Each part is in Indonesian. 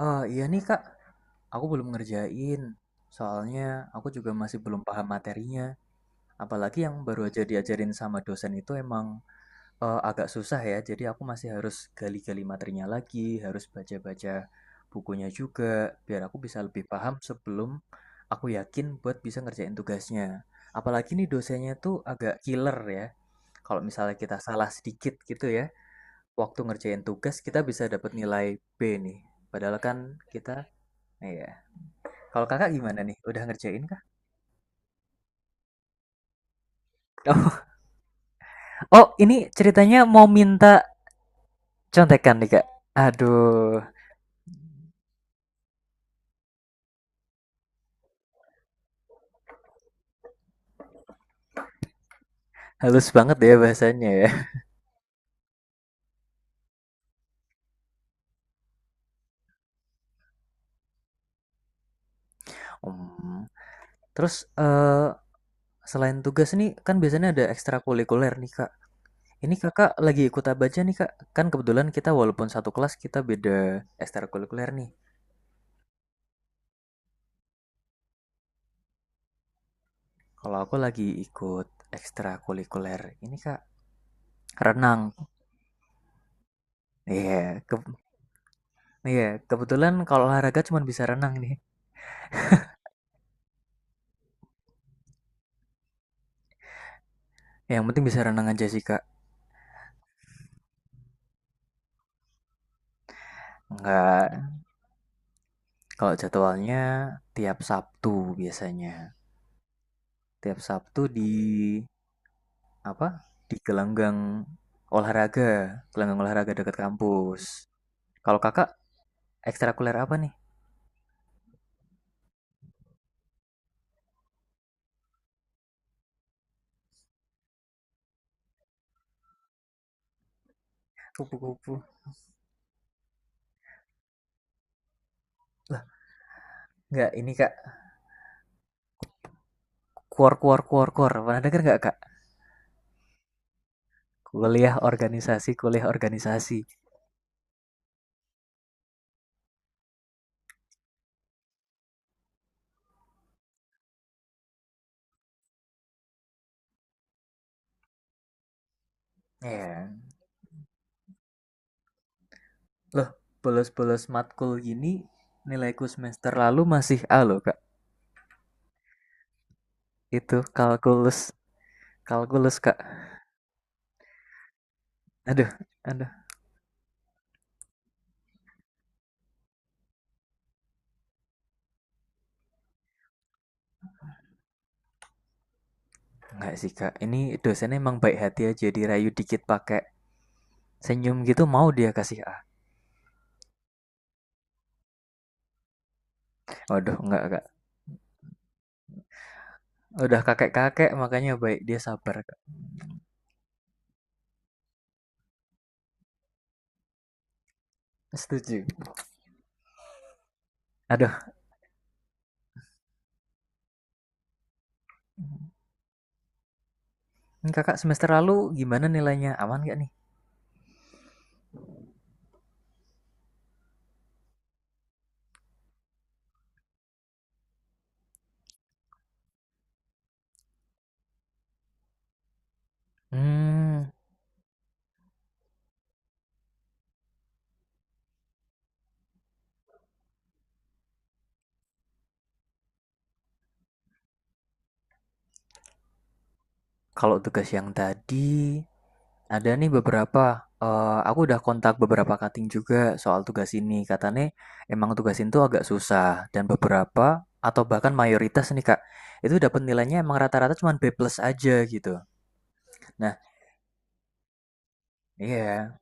Eh, iya nih Kak, aku belum ngerjain. Soalnya aku juga masih belum paham materinya. Apalagi yang baru aja diajarin sama dosen itu emang agak susah ya. Jadi aku masih harus gali-gali materinya lagi, harus baca-baca bukunya juga, biar aku bisa lebih paham sebelum aku yakin buat bisa ngerjain tugasnya. Apalagi nih dosennya tuh agak killer ya. Kalau misalnya kita salah sedikit gitu ya, waktu ngerjain tugas kita bisa dapat nilai B nih. Padahal kan kita. Iya. Kalau kakak gimana nih? Udah ngerjain kah? Oh, ini ceritanya mau minta contekan nih kak. Aduh, halus banget ya bahasanya ya. Hmm. Terus eh selain tugas nih, kan biasanya ada ekstrakurikuler nih kak. Ini kakak lagi ikut apa aja nih kak? Kan kebetulan kita walaupun satu kelas kita beda ekstrakurikuler nih. Kalau aku lagi ikut ekstrakurikuler ini kak renang. Iya, ke- iya kebetulan kalau olahraga cuma bisa renang nih. Yang penting bisa renang aja sih kak. Enggak, kalau jadwalnya tiap Sabtu biasanya. Tiap Sabtu di apa? Di gelanggang olahraga dekat kampus. Kalau kakak ekstrakuler apa nih? Kupu-kupu. Lah, enggak ini kak. Kuor kuor kuor kuor. Pernah denger enggak kak? Kuliah organisasi, kuliah organisasi. Iya. Loh, bolos-bolos matkul gini nilaiku semester lalu masih A loh kak. Itu kalkulus, kalkulus kak. Aduh, aduh. Enggak sih Kak, ini dosennya emang baik hati aja dirayu dikit pakai senyum gitu mau dia kasih A. Waduh, enggak Kak. Udah kakek-kakek makanya baik dia sabar Kak. Setuju. Aduh, ini Kakak semester lalu gimana nilainya? Aman gak nih? Hmm, kalau tugas yang tadi ada nih beberapa. Eh, aku udah kontak beberapa kating juga soal tugas ini. Katanya emang tugas ini tuh agak susah dan beberapa atau bahkan mayoritas nih Kak, itu dapat nilainya emang rata-rata cuma B plus aja gitu. Nah, iya,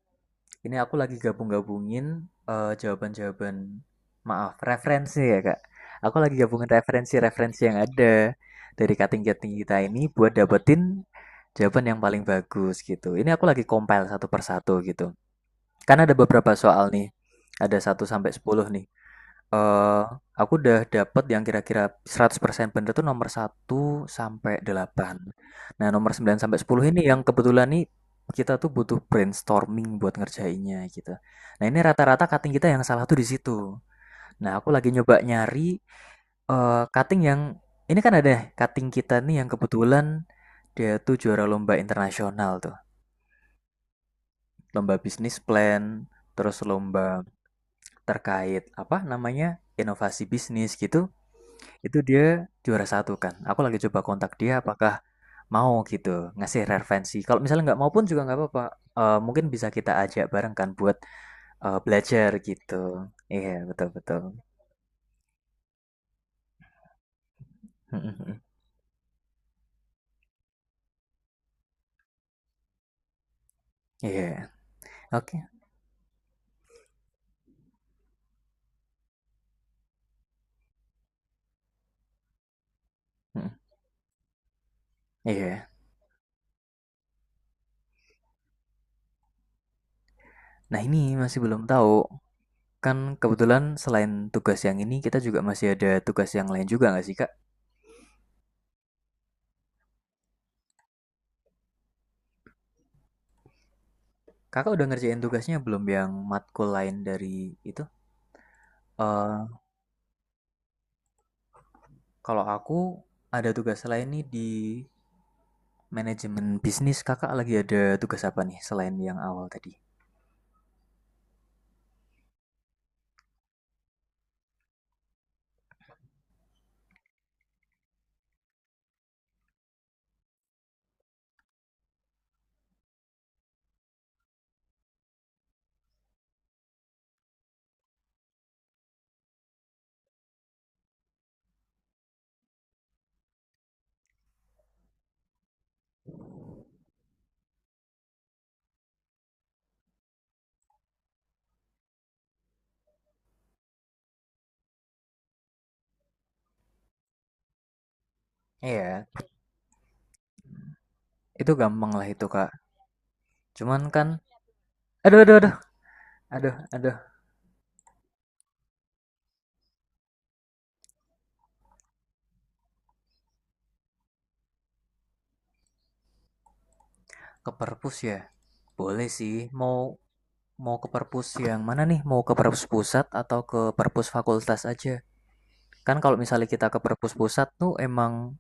ini aku lagi gabung-gabungin jawaban-jawaban, maaf, referensi ya, Kak. Aku lagi gabungin referensi-referensi yang ada dari cutting-cutting kita ini buat dapetin jawaban yang paling bagus gitu. Ini aku lagi compile satu persatu gitu. Karena ada beberapa soal nih, ada 1 sampai 10 nih. eh aku udah dapet yang kira-kira 100% bener tuh nomor 1 sampai 8. Nah, nomor 9 sampai 10 ini yang kebetulan nih kita tuh butuh brainstorming buat ngerjainnya gitu. Nah, ini rata-rata cutting kita yang salah tuh di situ. Nah, aku lagi nyoba nyari cutting yang ini kan ada cutting kita nih yang kebetulan dia tuh juara lomba internasional tuh. Lomba bisnis plan, terus lomba terkait apa namanya? Inovasi bisnis gitu. Itu dia juara satu kan. Aku lagi coba kontak dia apakah mau gitu ngasih referensi. Kalau misalnya nggak mau pun juga nggak apa-apa. Eh, mungkin bisa kita ajak bareng kan buat belajar gitu. Iya betul betul. Iya oke. Mm, Iya. Nah ini masih belum tahu. Kan kebetulan selain tugas yang ini kita juga masih ada tugas yang lain juga nggak sih Kak? Kakak udah ngerjain tugasnya belum yang matkul lain dari itu? Eh, kalau aku ada tugas lain nih di Manajemen bisnis. Kakak lagi ada tugas apa nih selain yang awal tadi? Iya, itu gampang lah itu kak. Cuman kan, aduh aduh aduh, aduh aduh, ke perpus ya. Boleh sih, mau mau ke perpus yang mana nih? Mau ke perpus pusat atau ke perpus fakultas aja? Kan kalau misalnya kita ke perpus pusat tuh emang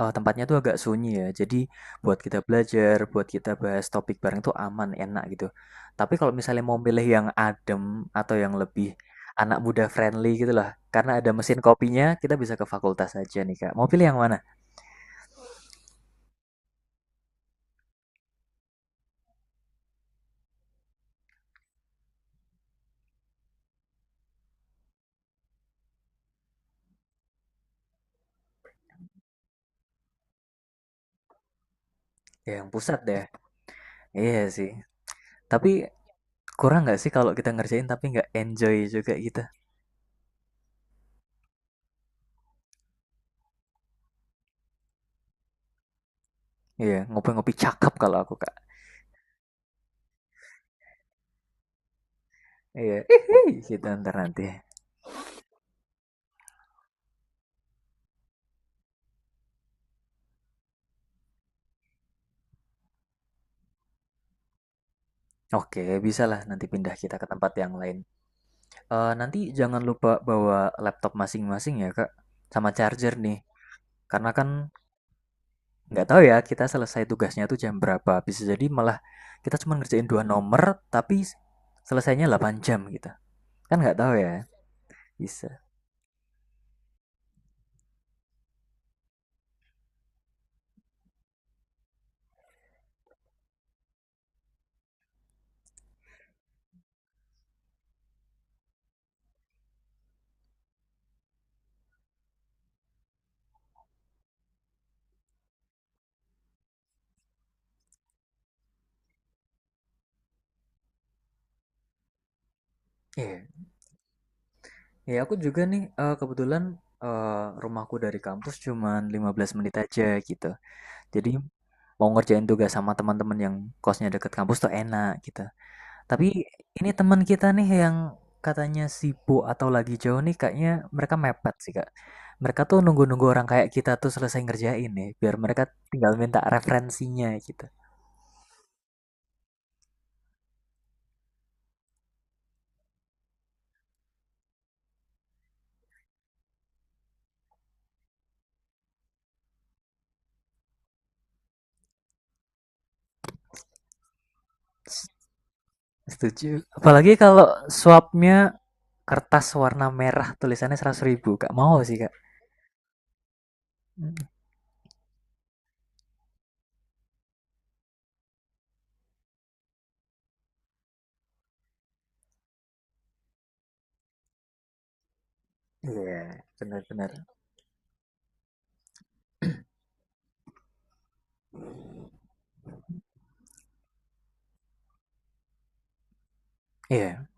tempatnya tuh agak sunyi ya. Jadi buat kita belajar, buat kita bahas topik bareng tuh aman, enak gitu. Tapi kalau misalnya mau milih yang adem atau yang lebih anak muda friendly gitu lah. Karena ada mesin kopinya, kita bisa ke fakultas aja nih, Kak. Mau pilih yang mana? Ya, yang pusat deh. Iya sih. Tapi kurang nggak sih kalau kita ngerjain tapi nggak enjoy juga gitu? Iya, ngopi-ngopi cakep kalau aku, Kak. Iya, kita ntar nanti. Oke, bisa lah nanti pindah kita ke tempat yang lain. Eh, nanti jangan lupa bawa laptop masing-masing ya, Kak. Sama charger nih. Karena kan nggak tahu ya kita selesai tugasnya tuh jam berapa. Bisa jadi malah kita cuma ngerjain dua nomor tapi selesainya 8 jam gitu. Kan nggak tahu ya. Bisa. Iya. Ya aku juga nih kebetulan rumahku dari kampus cuma 15 menit aja gitu. Jadi mau ngerjain tugas sama teman-teman yang kosnya deket kampus tuh enak gitu. Tapi ini teman kita nih yang katanya sibuk atau lagi jauh nih kayaknya mereka mepet sih Kak. Mereka tuh nunggu-nunggu orang kayak kita tuh selesai ngerjain nih, biar mereka tinggal minta referensinya gitu. S- Setuju. Apalagi kalau swapnya kertas warna merah tulisannya 100 ribu, Kak. Mau sih Kak. Mm. Iya, benar-benar. Iya,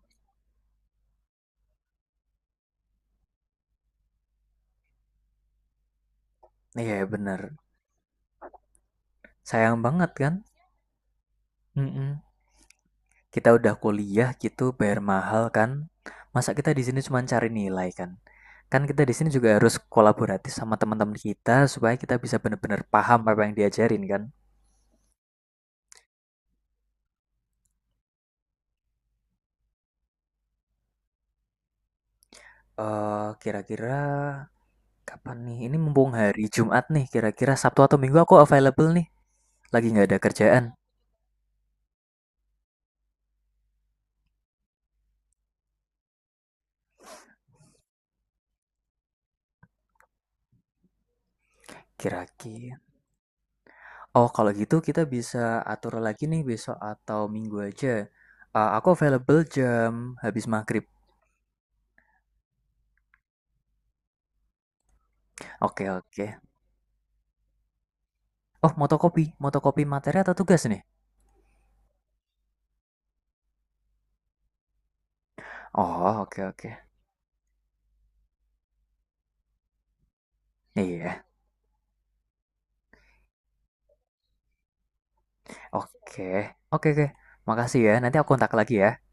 iya benar. Sayang banget kan? Mm-mm. Kita udah kuliah gitu bayar mahal kan, masa kita di sini cuma cari nilai kan? Kan kita di sini juga harus kolaboratif sama teman-teman kita supaya kita bisa benar-benar paham apa yang diajarin kan. Eh, kira-kira kapan nih? Ini mumpung hari Jumat nih, kira-kira Sabtu atau Minggu aku available nih, lagi nggak ada kerjaan. Kira-kira, oh, kalau gitu kita bisa atur lagi nih besok atau minggu aja. Eh, aku available jam habis maghrib. Oke, oke. Oh, motokopi. Motokopi materi atau tugas nih? Oh, oke oke. Iya. Oke. Oke oke. Makasih ya. Nanti aku kontak lagi ya.